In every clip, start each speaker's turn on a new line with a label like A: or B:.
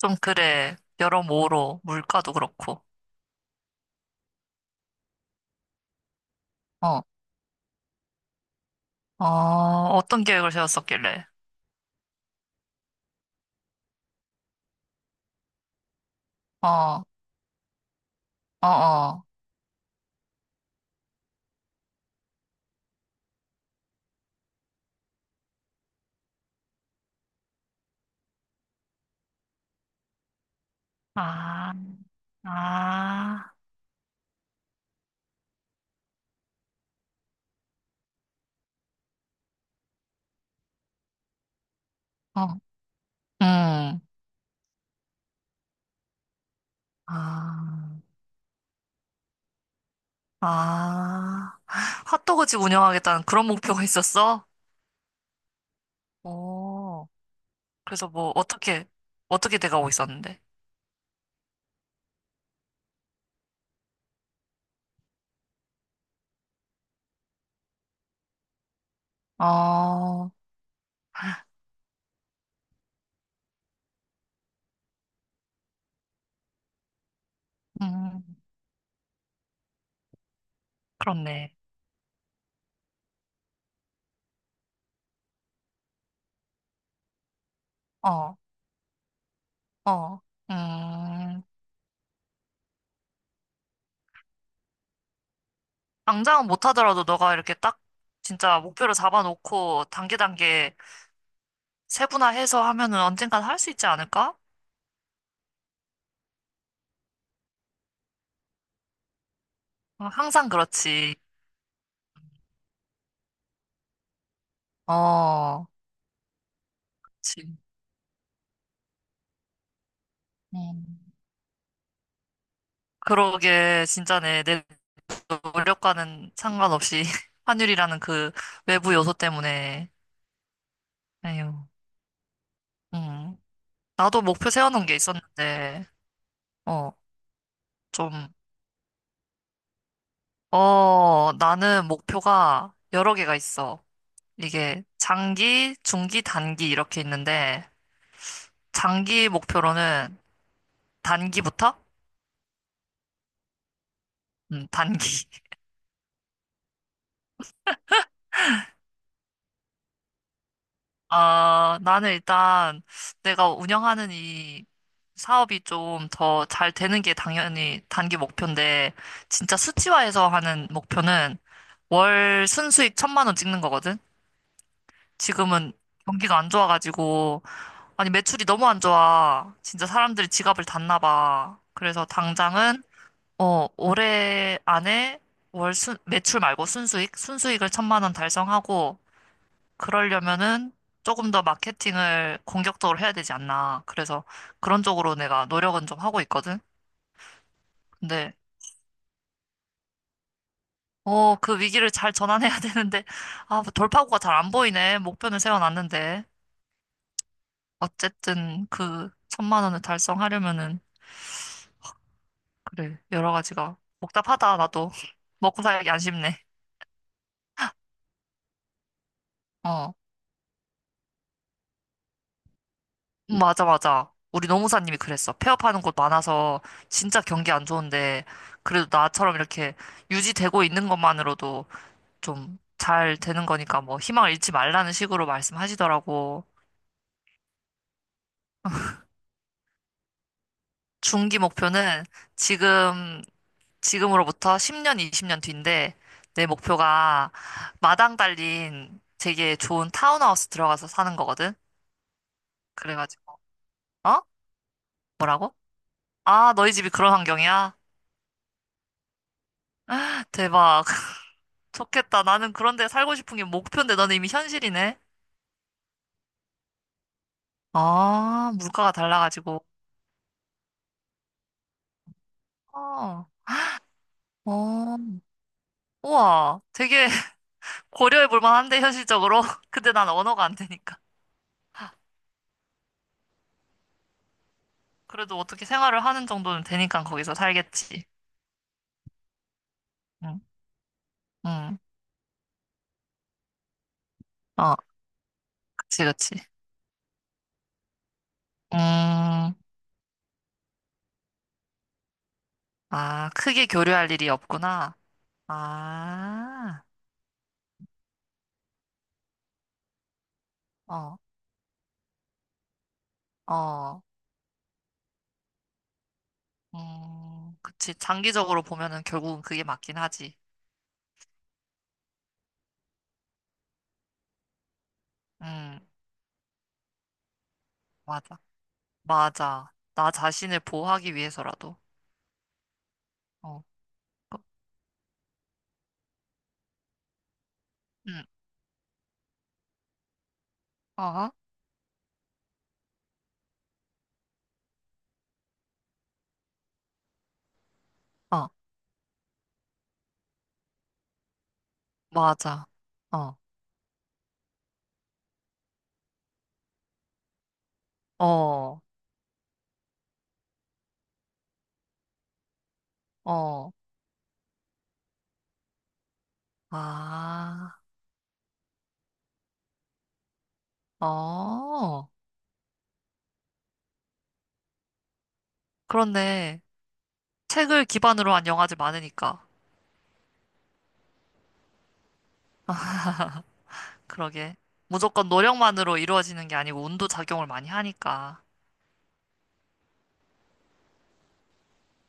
A: 좀 그래. 여러모로 물가도 그렇고. 어, 어, 어떤 계획을 세웠었길래? 어, 어, 어. 아, 아, 어, 음, 아, 아. 핫도그집 운영하겠다는 그런 목표가 있었어? 오, 그래서 뭐, 어떻게, 어떻게 돼가고 있었는데? 어, 음, 그렇네. 어, 어, 음. 당장은 못하더라도 너가 이렇게 딱 진짜 목표를 잡아놓고 단계 단계 세분화해서 하면은 언젠간 할 수 있지 않을까? 어, 항상 그렇지. 어, 그치. 음. 그러게 진짜네. 내 노력과는 상관없이 환율이라는 그 외부 요소 때문에. 에휴. 음. 나도 목표 세워놓은 게 있었는데, 어, 좀, 어, 나는 목표가 여러 개가 있어. 이게 장기, 중기, 단기 이렇게 있는데, 장기 목표로는 단기부터? 단기. 아, 나는 일단 내가 운영하는 이 사업이 좀 더 잘 되는 게 당연히 단기 목표인데, 진짜 수치화해서 하는 목표는 월 순수익 1,000만 원 찍는 거거든? 지금은 경기가 안 좋아가지고, 아니, 매출이 너무 안 좋아. 진짜 사람들이 지갑을 닫나 봐. 그래서 당장은 어, 올해 안에 매출 말고 순수익을 1,000만 원 달성하고, 그러려면은 조금 더 마케팅을 공격적으로 해야 되지 않나. 그래서 그런 쪽으로 내가 노력은 좀 하고 있거든. 근데, 어, 그 위기를 잘 전환해야 되는데, 아, 뭐 돌파구가 잘 안 보이네. 목표는 세워놨는데. 어쨌든 그 1,000만 원을 달성하려면은, 그래, 여러 가지가 복잡하다, 나도. 먹고 살기 안 쉽네. 어. 맞아, 맞아. 우리 노무사님이 그랬어. 폐업하는 곳 많아서 진짜 경기 안 좋은데, 그래도 나처럼 이렇게 유지되고 있는 것만으로도 좀 잘 되는 거니까 뭐 희망을 잃지 말라는 식으로 말씀하시더라고. 중기 목표는 지금, 지금으로부터 10년, 20년 뒤인데, 내 목표가 마당 달린 되게 좋은 타운하우스 들어가서 사는 거거든? 그래가지고, 어? 뭐라고? 아, 너희 집이 그런 환경이야? 대박. 좋겠다. 나는 그런데 살고 싶은 게 목표인데 너는 이미 현실이네. 아, 물가가 달라가지고. 아, 어, 우와. 되게 고려해 볼 만한데, 현실적으로. 근데 난 언어가 안 되니까. 그래도 어떻게 생활을 하는 정도는 되니까 거기서 살겠지. 응, 응. 어, 그치, 그치. 음, 아, 크게 교류할 일이 없구나. 아, 어, 어. 그치. 장기적으로 보면은 결국은 그게 맞긴 하지. 음. 맞아. 맞아. 나 자신을 보호하기 위해서라도. 어, 그- 응, 어, 어, 맞아. 어, 어, 어, 아, 어. 그런데 책을 기반으로 한 영화들 많으니까. 그러게. 무조건 노력만으로 이루어지는 게 아니고 운도 작용을 많이 하니까.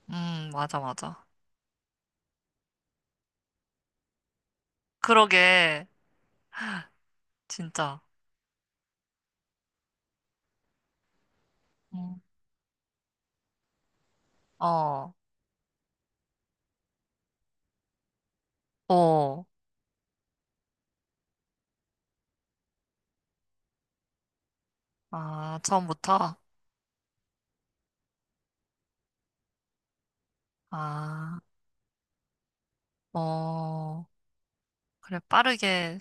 A: 맞아, 맞아. 그러게. 진짜. 음, 어, 어. 아, 처음부터? 아, 어. 그래, 빠르게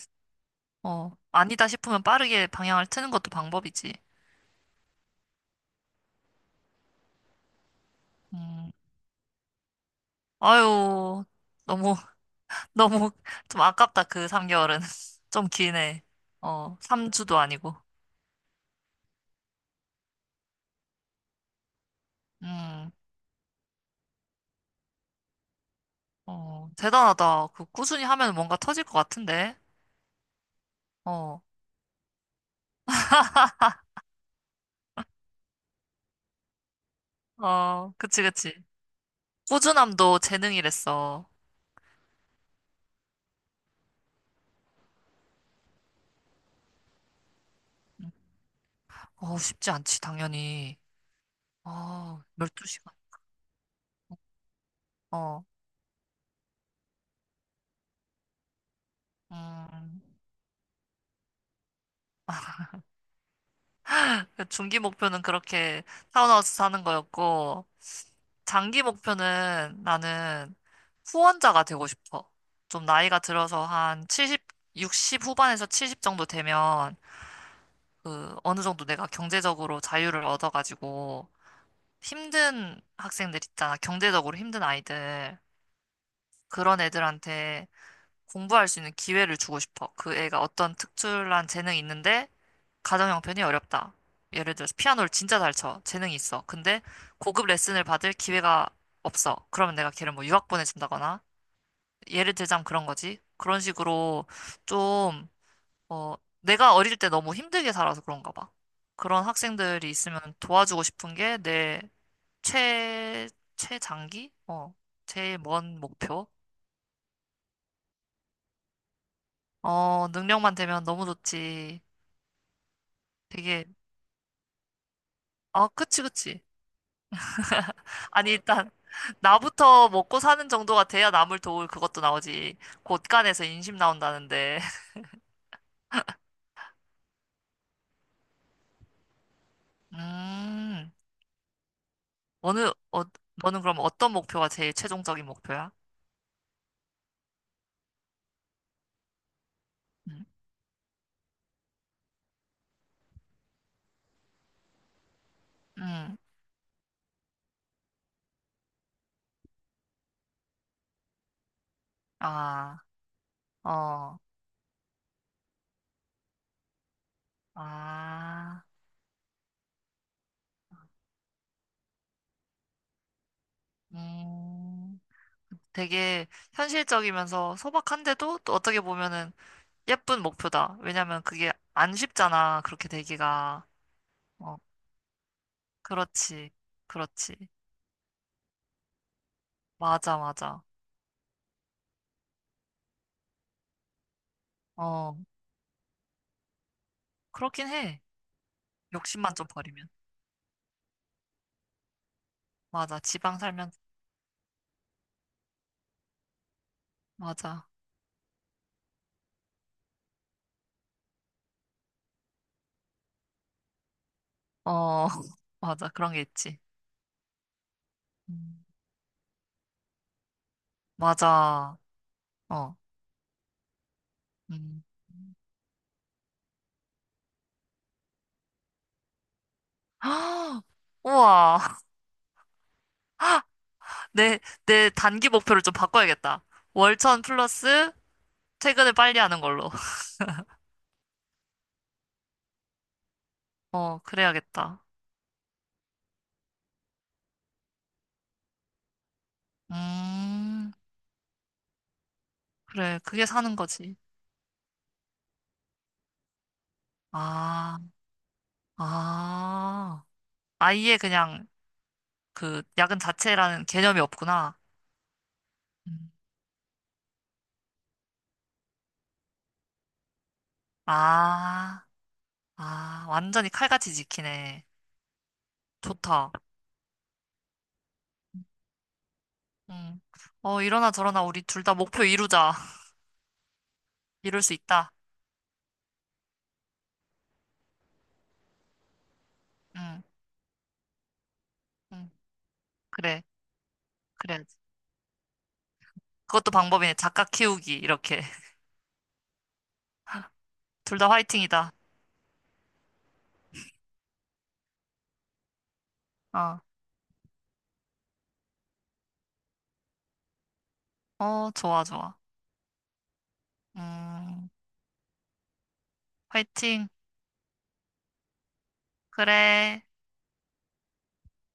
A: 어, 아니다 싶으면 빠르게 방향을 트는 것도 방법이지. 음, 아유, 너무, 너무 좀 아깝다, 그 3개월은. 좀 기네. 어, 3주도 아니고. 음, 어, 대단하다. 그 꾸준히 하면 뭔가 터질 것 같은데. 어, 어, 그치, 그치. 꾸준함도 재능이랬어. 음, 어, 쉽지 않지, 당연히. 어, 12시간. 어, 음, 그 중기 목표는 그렇게 타운하우스 사는 거였고, 장기 목표는 나는 후원자가 되고 싶어. 좀 나이가 들어서 한 칠십 60 후반에서 70 정도 되면 그 어느 정도 내가 경제적으로 자유를 얻어가지고 힘든 학생들 있잖아. 경제적으로 힘든 아이들. 그런 애들한테 공부할 수 있는 기회를 주고 싶어. 그 애가 어떤 특출난 재능이 있는데 가정 형편이 어렵다. 예를 들어서 피아노를 진짜 잘 쳐. 재능이 있어. 근데 고급 레슨을 받을 기회가 없어. 그러면 내가 걔를 뭐 유학 보내준다거나 예를 들자면 그런 거지. 그런 식으로 좀, 어, 내가 어릴 때 너무 힘들게 살아서 그런가 봐. 그런 학생들이 있으면 도와주고 싶은 게 내 최, 최장기? 어, 제일 먼 목표? 어, 능력만 되면 너무 좋지. 되게, 아, 그치, 그치. 아니, 일단, 나부터 먹고 사는 정도가 돼야 남을 도울 그것도 나오지. 곳간에서 인심 나온다는데. 음, 어느, 어, 너는 그럼 어떤 목표가 제일 최종적인 목표야? 음, 음, 아, 어, 아, 음, 되게 현실적이면서 소박한데도 또 어떻게 보면은 예쁜 목표다. 왜냐면 그게 안 쉽잖아. 그렇게 되기가. 어, 그렇지. 그렇지. 맞아, 맞아. 어, 그렇긴 해. 욕심만 좀 버리면. 맞아. 지방 살면, 맞아. 어, 맞아. 그런 게 있지. 음, 맞아. 어, 음. 우와. 내, 내 단기 목표를 좀 바꿔야겠다. 월천 플러스 퇴근을 빨리 하는 걸로. 어, 그래야겠다. 음, 그래. 그게 사는 거지. 아, 아. 아예 그냥 그 야근 자체라는 개념이 없구나. 음. 아, 아. 완전히 칼같이 지키네. 좋다. 응 이러나 저러나 우리 둘 다 목표 이루자. 이룰 수 있다. 응, 응. 그래, 그래야지. 그것도 방법이네. 작가 키우기, 이렇게. 둘 다 화이팅이다. 어, 어, 좋아, 좋아. 음, 화이팅. 그래.